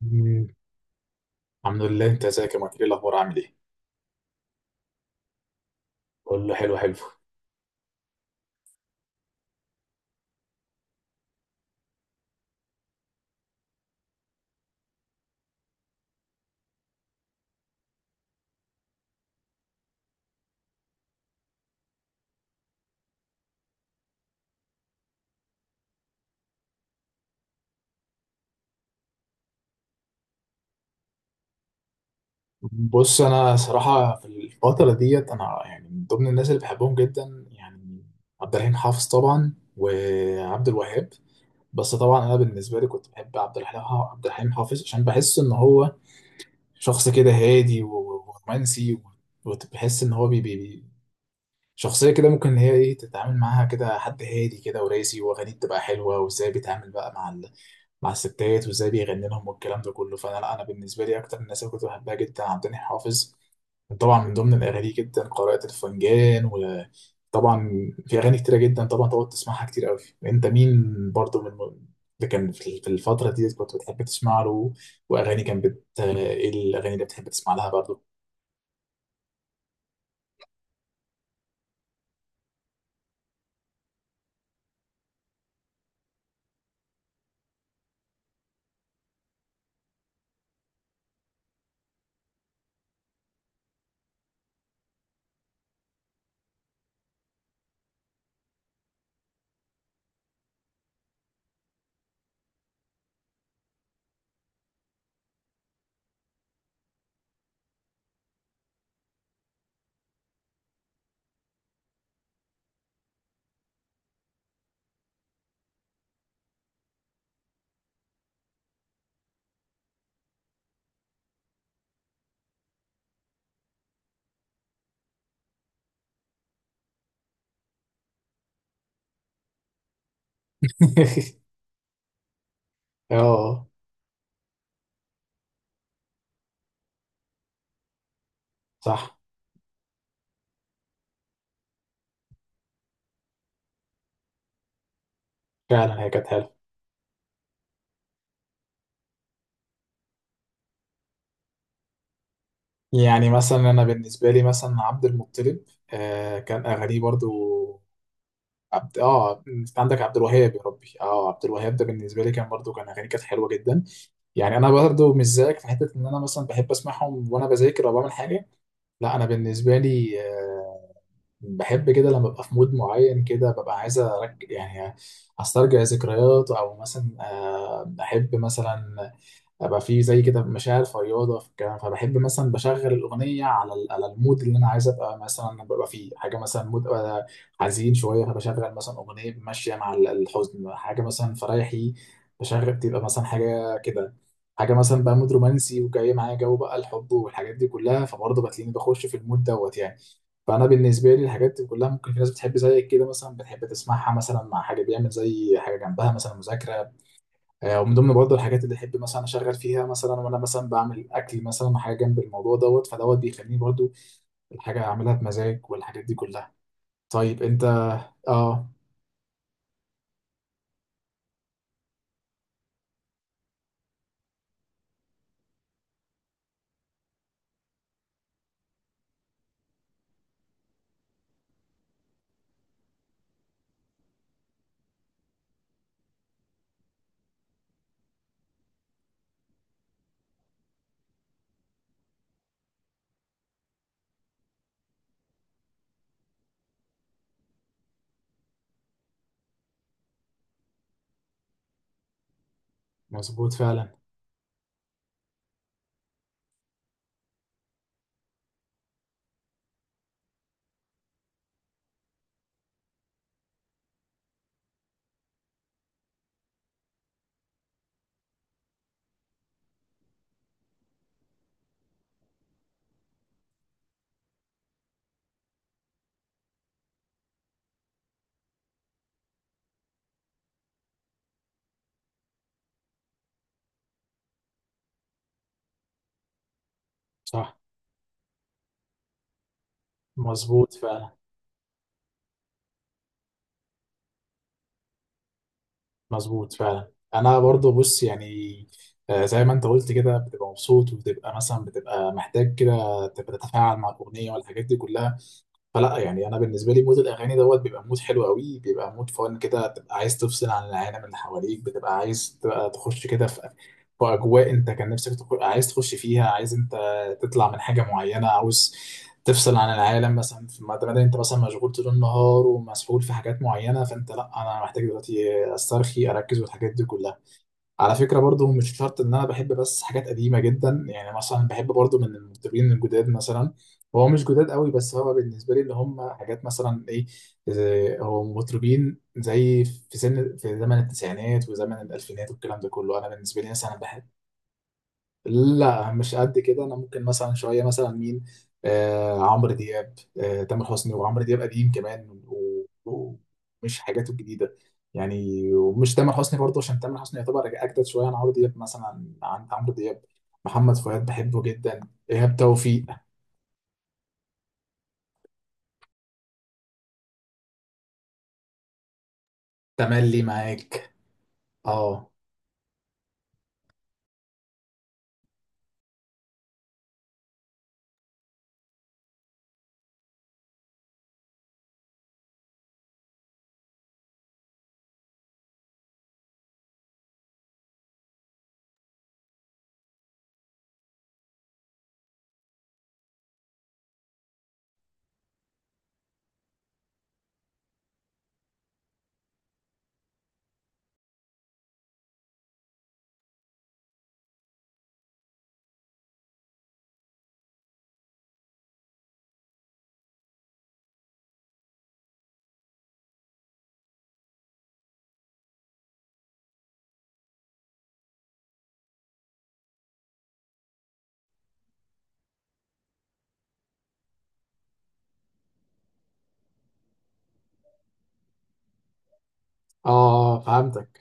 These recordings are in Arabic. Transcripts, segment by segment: مم. الحمد لله، انت ازيك يا مايكل؟ ايه الاخبار، عامل ايه؟ كله حلو حلو. بص انا صراحه في الفتره ديت، انا يعني من ضمن الناس اللي بحبهم جدا يعني عبد الرحيم حافظ طبعا وعبد الوهاب. بس طبعا انا بالنسبه لي كنت بحب عبد الحليم، عبد الحليم حافظ، عشان بحس ان هو شخص كده هادي و- ورومانسي. وبحس ان هو بي بي شخصية كده ممكن إن هي تتعامل معاها، كده حد هادي كده وراسي، وأغانيه بتبقى حلوة، وإزاي بيتعامل بقى مع مع الستات، وإزاي بيغني لهم والكلام ده كله. فأنا لا أنا بالنسبة لي أكتر الناس اللي كنت بحبها جدا عبد الحليم حافظ. طبعا من ضمن الأغاني جدا قارئة الفنجان، وطبعا في أغاني كتيرة جدا طبعا تقعد تسمعها كتير أوي. أنت مين برضو من اللي كان في الفترة دي كنت بتحب تسمع له؟ وأغاني كان بت إيه الأغاني اللي بتحب تسمع لها برضو؟ آه، صح، فعلا هي كانت حلوة. يعني مثلا انا بالنسبه لي مثلا عبد المطلب، آه، كان اغانيه برضو. عبد، اه انت عندك عبد الوهاب، يا ربي، اه عبد الوهاب ده بالنسبه لي كان برضو، كان اغانيه كانت حلوه جدا. يعني انا برضو مش زيك في حته ان انا مثلا بحب اسمعهم وانا بذاكر او بعمل حاجه. لا انا بالنسبه لي بحب كده لما ببقى في مود معين كده، ببقى عايز ارجع يعني استرجع ذكريات، او مثلا بحب مثلا ابقى في زي كده مشاعر فياضه في الكلام. فبحب مثلا بشغل الاغنيه على على المود اللي انا عايز ابقى مثلا ببقى فيه، حاجه مثلا مود أبقى حزين شويه فبشغل مثلا اغنيه ماشيه مع الحزن، حاجه مثلا فريحي بشغل بتبقى مثلا حاجه كده. حاجه مثلا بقى مود رومانسي وجاي معايا جو بقى الحب والحاجات دي كلها، فبرضه بتلاقيني بخش في المود دوت يعني. فانا بالنسبه لي الحاجات دي كلها، ممكن في ناس بتحب زيك كده مثلا بتحب تسمعها مثلا مع حاجه، بيعمل زي حاجه جنبها مثلا مذاكره. ومن ضمن برضه الحاجات اللي احب مثلا اشغل فيها، مثلا وانا مثلا بعمل اكل، مثلا حاجه جنب الموضوع دوت، فدوت بيخليني برضه الحاجه اعملها بمزاج والحاجات دي كلها. طيب انت. اه. مظبوط فعلا. صح. مظبوط فعلا. مظبوط فعلا، انا برضه بص يعني زي ما انت قلت كده، بتبقى مبسوط وبتبقى مثلا بتبقى محتاج كده تبقى تتفاعل مع الاغنيه والحاجات دي كلها. يعني انا بالنسبه لي مود الاغاني دوت بيبقى مود حلو قوي، بيبقى مود فن كده، تبقى عايز تفصل عن العالم اللي حواليك، بتبقى عايز تبقى تخش كده في اجواء انت كان نفسك عايز تخش فيها، عايز انت تطلع من حاجه معينه، عاوز تفصل عن العالم مثلا في ما دام انت مثلا مشغول طول النهار ومسحول في حاجات معينه. فانت لا، انا محتاج دلوقتي استرخي اركز والحاجات دي كلها. على فكرة برضو مش شرط ان انا بحب بس حاجات قديمة جدا. يعني مثلا بحب برضو من المطربين الجداد مثلا، هو مش جداد قوي، بس هو بالنسبة لي اللي هم حاجات مثلا ايه هو مطربين زي في سن، في زمن التسعينات وزمن الالفينات والكلام ده كله، انا بالنسبة لي مثلا بحب. لا مش قد كده، انا ممكن مثلا شويه مثلا مين؟ آه عمرو دياب. آه تامر حسني وعمرو دياب قديم كمان ومش حاجاته الجديده. يعني ومش تامر حسني برضه عشان تامر حسني يعتبر اجدد شويه عن عمرو دياب، مثلا عن عمرو دياب. محمد فؤاد بحبه جدا. ايهاب توفيق. تملي معاك. اه. اه فهمتك.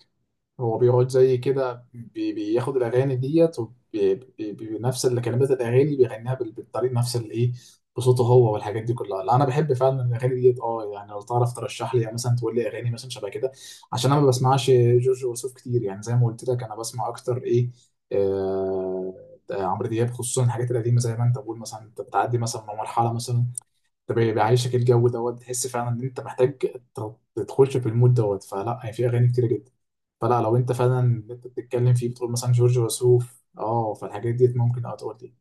هو بيقعد زي كده بياخد الاغاني ديت بنفس اللي كلمات الاغاني بيغنيها بالطريقه نفس اللي ايه، بصوته هو والحاجات دي كلها. لا، انا بحب فعلا الاغاني ديت اه. يعني لو تعرف ترشح لي يعني مثلا تقول لي اغاني مثلا شبه كده، عشان انا ما بسمعش جورج وسوف كتير، يعني زي ما قلت لك انا بسمع اكتر ايه، آه، عمرو دياب خصوصا الحاجات القديمه. زي ما انت بقول مثلا، انت بتعدي مثلا من مرحله مثلا، ده بيعيشك الجو دوت، تحس فعلا ان انت محتاج تدخلش في المود دوت. فلا هي في اغاني كتيره جدا. فلا لو انت فعلا اللي انت بتتكلم فيه بتقول مثلا جورج وسوف، اه فالحاجات ديت ممكن اه تقول دي.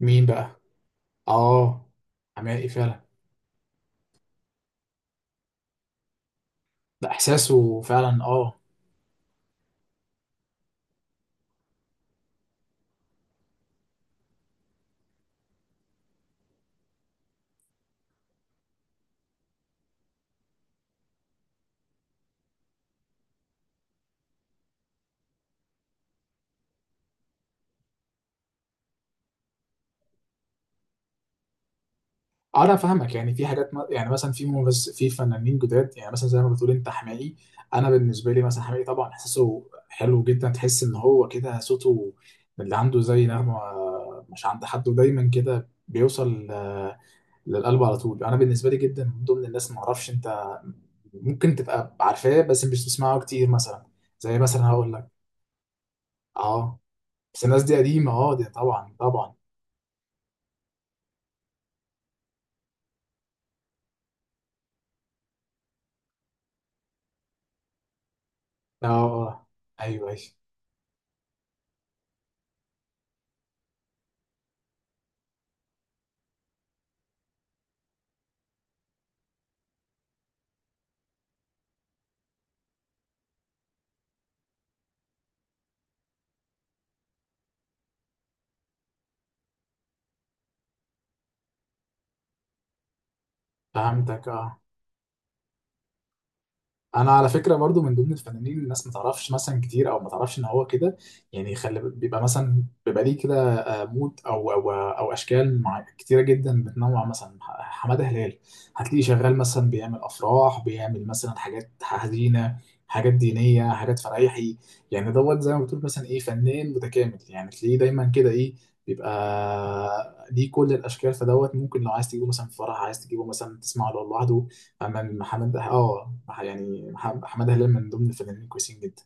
مين بقى؟ اه حماقي، فعلا. ده احساسه فعلا اه. انا فاهمك. يعني في حاجات يعني مثلا في في فنانين جداد يعني، مثلا زي ما بتقول انت حماقي، انا بالنسبه لي مثلا حماقي طبعا احساسه حلو جدا، تحس ان هو كده صوته اللي عنده زي نغمه مش عند حد، ودايما كده بيوصل للقلب على طول. انا بالنسبه لي جدا من ضمن الناس. ما اعرفش انت ممكن تبقى عارفاه بس مش بتسمعه كتير مثلا، زي مثلا هقول لك. اه بس الناس دي قديمه، اه دي طبعا طبعا. اه. ايوه ايوه، فهمتك اه. انا على فكره برضو من ضمن الفنانين اللي الناس ما تعرفش مثلا كتير، او ما تعرفش ان هو كده يعني خلي بيبقى مثلا، بيبقى ليه كده مود او اشكال مع كتيره جدا بتنوع، مثلا حماده هلال. هتلاقيه شغال مثلا بيعمل افراح، بيعمل مثلا حاجات حزينه، حاجات دينيه، حاجات فرايحي. يعني دوت زي ما بتقول مثلا ايه فنان متكامل، يعني تلاقيه دايما كده ايه بيبقى ليه كل الاشكال. فدوت ممكن لو عايز تجيبه مثلا في فرح، عايز تجيبه مثلا تسمعه لوحده أمام محمد اه. يعني حماده هلال من ضمن الفنانين الكويسين جدا.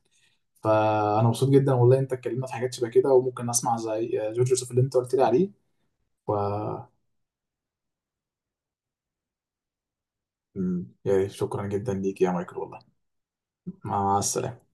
فانا مبسوط جدا والله، انت اتكلمنا في حاجات شبه كده وممكن اسمع زي جورج يوسف اللي انت قلت لي عليه. و، مم، يعني شكرا جدا ليك يا مايكل والله. مع السلامه.